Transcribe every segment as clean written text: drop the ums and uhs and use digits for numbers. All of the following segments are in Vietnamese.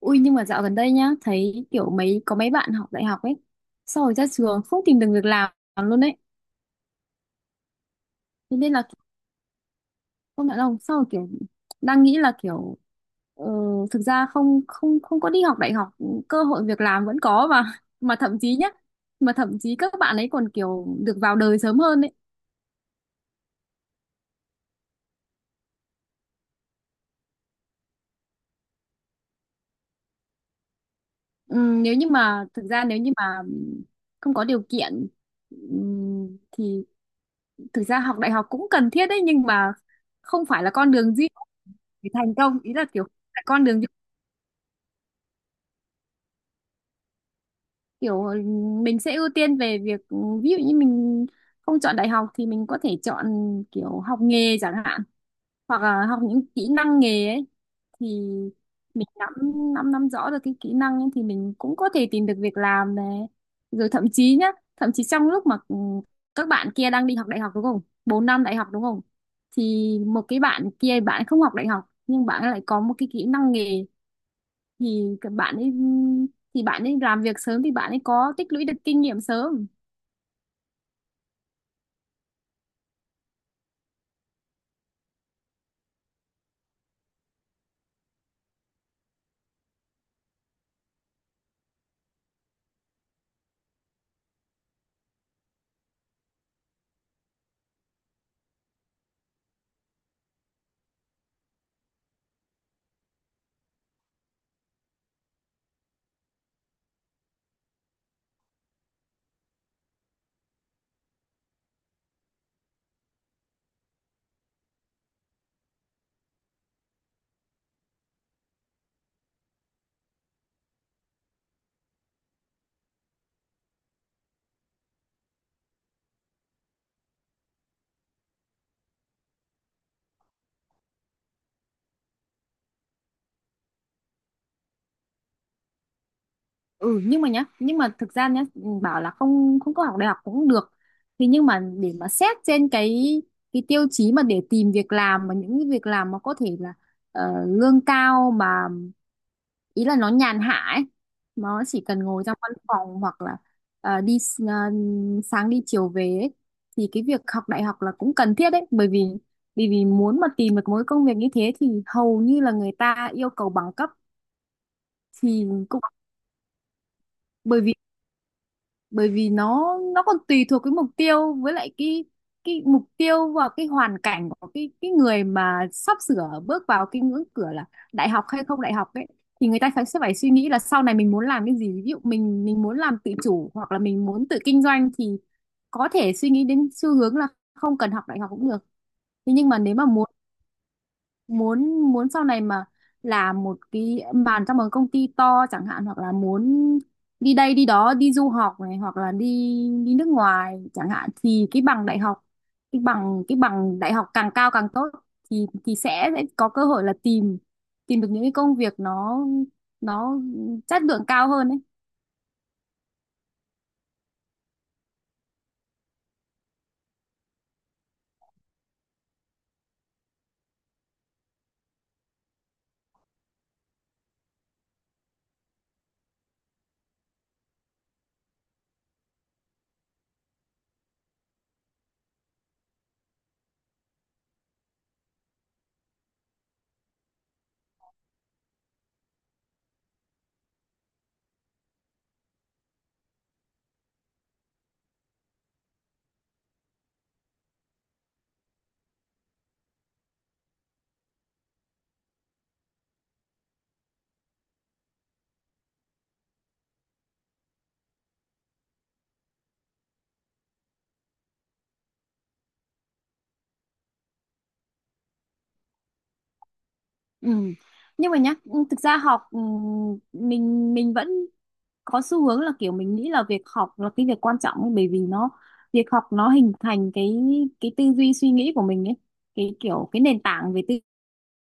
Ui nhưng mà dạo gần đây nhá, thấy kiểu có mấy bạn học đại học ấy, sau rồi ra trường không tìm được việc làm luôn đấy. Thế nên là không nhận lòng, sau rồi kiểu đang nghĩ là kiểu ờ, thực ra không không không có đi học đại học, cơ hội việc làm vẫn có mà mà thậm chí nhá, mà thậm chí các bạn ấy còn kiểu được vào đời sớm hơn ấy. Nếu như mà không có điều kiện thì thực ra học đại học cũng cần thiết đấy, nhưng mà không phải là con đường duy để thành công, ý là kiểu tại con đường kiểu mình sẽ ưu tiên về việc, ví dụ như mình không chọn đại học thì mình có thể chọn kiểu học nghề chẳng hạn, hoặc là học những kỹ năng nghề ấy, thì mình nắm nắm nắm rõ được cái kỹ năng ấy, thì mình cũng có thể tìm được việc làm này, rồi thậm chí nhá, thậm chí trong lúc mà các bạn kia đang đi học đại học đúng không, 4 năm đại học đúng không, thì một cái bạn kia bạn không học đại học nhưng bạn lại có một cái kỹ năng nghề, thì các bạn ấy thì bạn ấy làm việc sớm thì bạn ấy có tích lũy được kinh nghiệm sớm. Nhưng mà thực ra nhá, bảo là không không có học đại học cũng được, thì nhưng mà để mà xét trên cái tiêu chí mà để tìm việc làm, mà những cái việc làm mà có thể là lương cao mà, ý là nó nhàn hạ ấy, nó chỉ cần ngồi trong văn phòng, hoặc là ờ, đi s- sáng đi chiều về ấy. Thì cái việc học đại học là cũng cần thiết đấy, bởi vì vì vì muốn mà tìm được mỗi công việc như thế thì hầu như là người ta yêu cầu bằng cấp, thì cũng bởi vì nó còn tùy thuộc cái mục tiêu, với lại cái mục tiêu và cái hoàn cảnh của cái người mà sắp sửa bước vào cái ngưỡng cửa là đại học hay không đại học ấy, thì người ta sẽ phải suy nghĩ là sau này mình muốn làm cái gì, ví dụ mình muốn làm tự chủ, hoặc là mình muốn tự kinh doanh, thì có thể suy nghĩ đến xu hướng là không cần học đại học cũng được. Thế nhưng mà nếu mà muốn muốn muốn sau này mà làm một cái bàn trong một công ty to chẳng hạn, hoặc là muốn đi đây đi đó, đi du học này, hoặc là đi đi nước ngoài chẳng hạn, thì cái bằng đại học, cái bằng đại học càng cao càng tốt, thì sẽ có cơ hội là tìm, tìm được những cái công việc nó nó chất lượng cao hơn ấy. Ừ. Nhưng mà nhá, thực ra học, mình vẫn có xu hướng là kiểu mình nghĩ là việc học là cái việc quan trọng ấy, bởi vì nó, việc học nó hình thành cái tư duy suy nghĩ của mình ấy, cái kiểu cái nền tảng về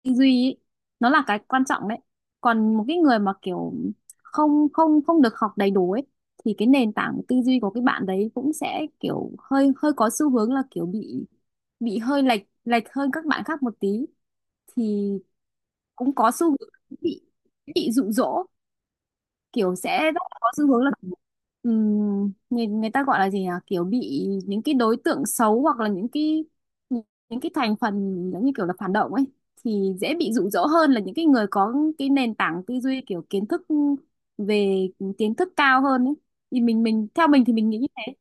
tư duy ấy nó là cái quan trọng đấy. Còn một cái người mà kiểu không không không được học đầy đủ ấy, thì cái nền tảng tư duy của cái bạn đấy cũng sẽ kiểu hơi, hơi có xu hướng là kiểu bị hơi lệch, lệch hơn các bạn khác một tí, thì cũng có xu hướng bị bị dụ dỗ, kiểu sẽ rất là có xu hướng là người người ta gọi là gì nhỉ, kiểu bị những cái đối tượng xấu, hoặc là những cái, những, những cái thành phần giống như kiểu là phản động ấy, thì dễ bị dụ dỗ hơn là những cái người có cái nền tảng tư duy kiểu kiến thức về, kiến thức cao hơn ấy, thì mình theo mình thì mình nghĩ như thế.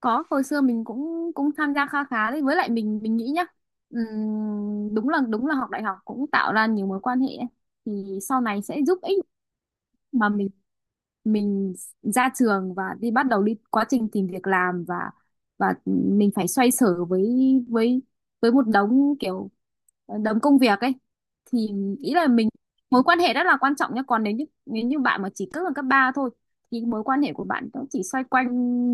Có hồi xưa mình cũng cũng tham gia kha khá đấy, với lại mình nghĩ nhá, đúng là học đại học cũng tạo ra nhiều mối quan hệ ấy, thì sau này sẽ giúp ích mà mình ra trường và đi, bắt đầu đi quá trình tìm việc làm, và và mình phải xoay sở với, với với một đống kiểu đống công việc ấy, thì ý là mình, mối quan hệ rất là quan trọng nhé. Còn nếu như, nếu như bạn mà chỉ cấp ở cấp 3 thôi, thì mối quan hệ của bạn cũng chỉ xoay quanh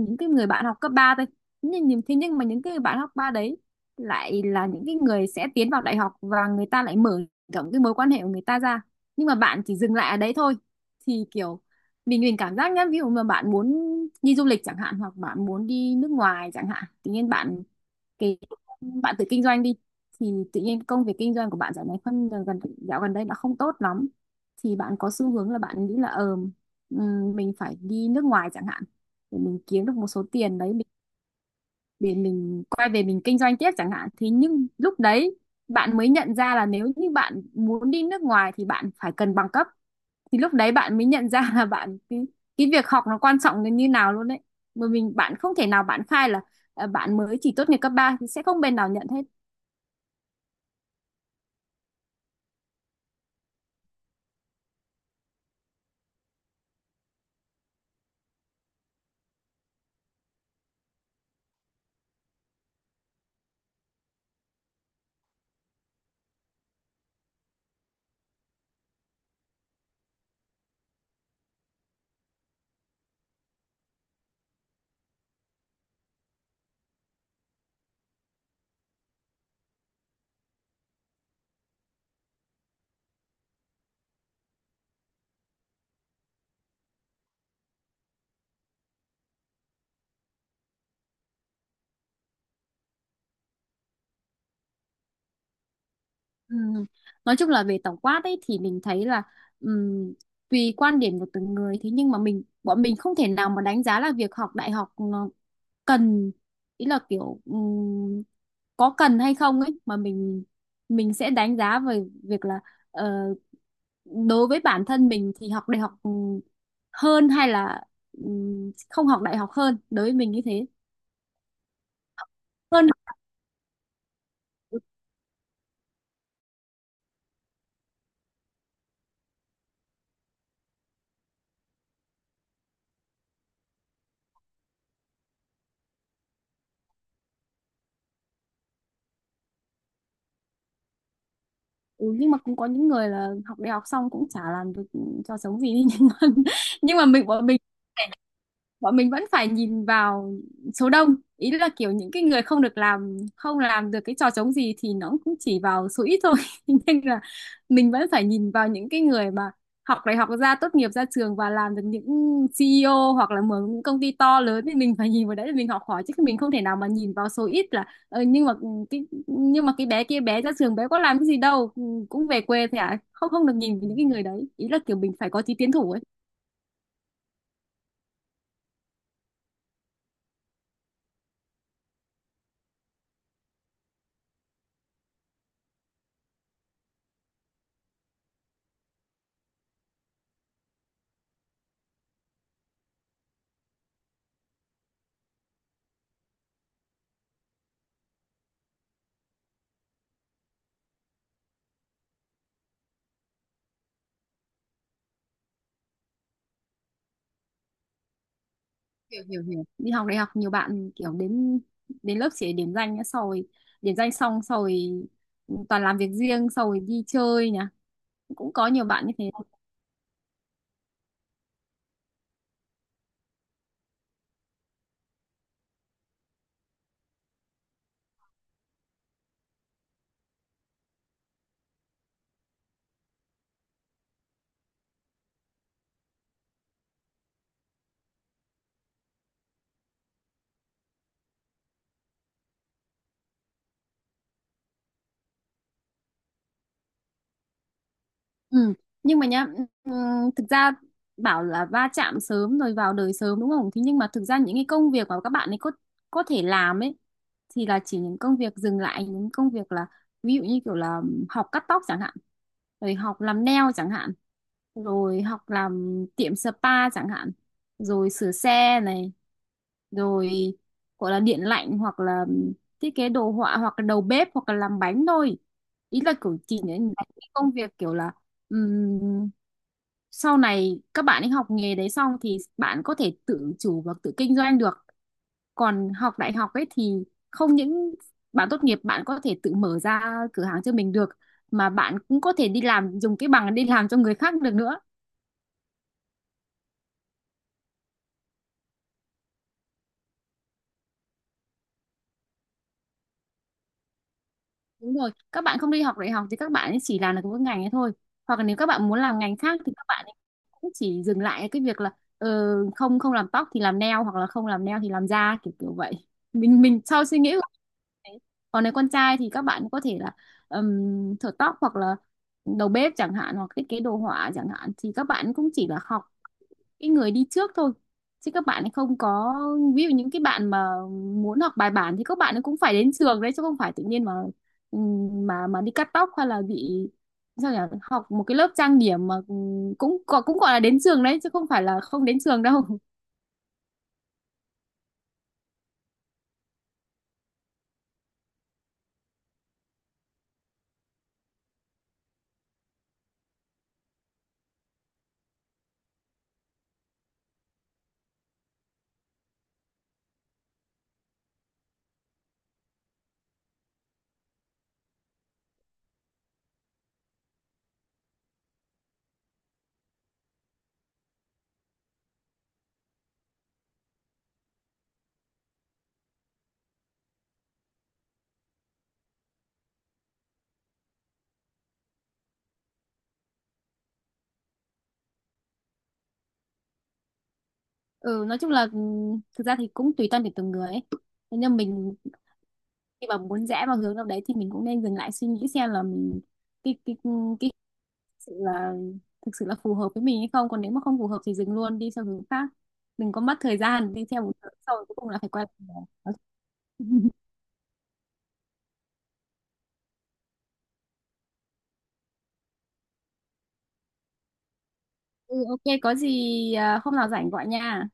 những cái người bạn học cấp 3 thôi. Thế nhưng mà những cái người bạn học ba đấy lại là những cái người sẽ tiến vào đại học, và người ta lại mở rộng cái mối quan hệ của người ta ra, nhưng mà bạn chỉ dừng lại ở đấy thôi, thì kiểu mình cảm giác nhá, ví dụ mà bạn muốn đi du lịch chẳng hạn, hoặc bạn muốn đi nước ngoài chẳng hạn, tự nhiên bạn, cái bạn tự kinh doanh đi, thì tự nhiên công việc kinh doanh của bạn dạo này phân gần dạo gần đây đã không tốt lắm, thì bạn có xu hướng là bạn nghĩ là mình phải đi nước ngoài chẳng hạn, để mình kiếm được một số tiền đấy, để mình quay về mình kinh doanh tiếp chẳng hạn, thì nhưng lúc đấy bạn mới nhận ra là nếu như bạn muốn đi nước ngoài thì bạn phải cần bằng cấp, thì lúc đấy bạn mới nhận ra là cái việc học nó quan trọng đến như nào luôn đấy. Mà bạn không thể nào bạn khai là bạn mới chỉ tốt nghiệp cấp 3 thì sẽ không bên nào nhận hết. Ừ. Nói chung là về tổng quát ấy thì mình thấy là ừm, tùy quan điểm của từng người. Thế nhưng mà bọn mình không thể nào mà đánh giá là việc học đại học nó cần, ý là kiểu có cần hay không ấy, mà mình sẽ đánh giá về việc là ờ, đối với bản thân mình thì học đại học hơn, hay là không học đại học hơn, đối với mình như thế. Hơn. Ừ, nhưng mà cũng có những người là học đại học xong cũng chả làm được cho sống gì đi, nhưng mà nhưng mà bọn mình, bọn mình vẫn phải nhìn vào số đông, ý là kiểu những cái người không làm được cái trò trống gì thì nó cũng chỉ vào số ít thôi, nên là mình vẫn phải nhìn vào những cái người mà học đại học ra, tốt nghiệp ra trường, và làm được những CEO, hoặc là mở những công ty to lớn. Thì mình phải nhìn vào đấy để mình học hỏi, chứ mình không thể nào mà nhìn vào số ít là nhưng mà cái bé kia, bé ra trường bé có làm cái gì đâu, ừ, cũng về quê, thế à, không không được nhìn vào những cái người đấy, ý là kiểu mình phải có tí tiến thủ ấy. Hiểu hiểu hiểu đi học đại học nhiều bạn kiểu đến, đến lớp chỉ để điểm danh nhá, sau rồi điểm danh xong sau rồi toàn làm việc riêng, sau rồi đi chơi nhá, cũng có nhiều bạn như thế. Ừ. Nhưng mà nhá, thực ra bảo là va chạm sớm rồi vào đời sớm đúng không? Thế nhưng mà thực ra những cái công việc mà các bạn ấy có thể làm ấy, thì là chỉ những công việc dừng lại, những công việc là, ví dụ như kiểu là học cắt tóc chẳng hạn, rồi học làm nail chẳng hạn, rồi học làm tiệm spa chẳng hạn, rồi sửa xe này, rồi gọi là điện lạnh, hoặc là thiết kế đồ họa, hoặc là đầu bếp, hoặc là làm bánh thôi. Ý là kiểu chỉ để những cái công việc kiểu là, ừm, sau này các bạn ấy học nghề đấy xong thì bạn có thể tự chủ và tự kinh doanh được. Còn học đại học ấy thì không những bạn tốt nghiệp bạn có thể tự mở ra cửa hàng cho mình được, mà bạn cũng có thể đi làm, dùng cái bằng đi làm cho người khác được nữa. Đúng rồi, các bạn không đi học đại học thì các bạn ấy chỉ làm được mỗi ngành ấy thôi. Hoặc là nếu các bạn muốn làm ngành khác thì các bạn ấy cũng chỉ dừng lại cái việc là ờ, không không làm tóc thì làm nail, hoặc là không làm nail thì làm da, kiểu kiểu vậy. Mình sau suy nghĩ của mình. Còn nếu con trai thì các bạn có thể là thợ tóc, hoặc là đầu bếp chẳng hạn, hoặc thiết kế đồ họa chẳng hạn, thì các bạn cũng chỉ là học cái người đi trước thôi, chứ các bạn ấy không có, ví dụ những cái bạn mà muốn học bài bản thì các bạn ấy cũng phải đến trường đấy, chứ không phải tự nhiên mà mà đi cắt tóc hay là bị, sao nhỉ, học một cái lớp trang điểm mà, cũng có, cũng gọi là đến trường đấy, chứ không phải là không đến trường đâu. Ừ nói chung là thực ra thì cũng tùy tâm để từng người ấy. Thế nhưng mình khi mà muốn rẽ vào hướng nào đấy thì mình cũng nên dừng lại suy nghĩ xem là mình, cái sự là thực sự là phù hợp với mình hay không, còn nếu mà không phù hợp thì dừng luôn, đi sang hướng khác, đừng có mất thời gian đi theo một hướng sau rồi cuối cùng là phải quay lại. Ừ, ok có gì, à, hôm nào rảnh gọi nha.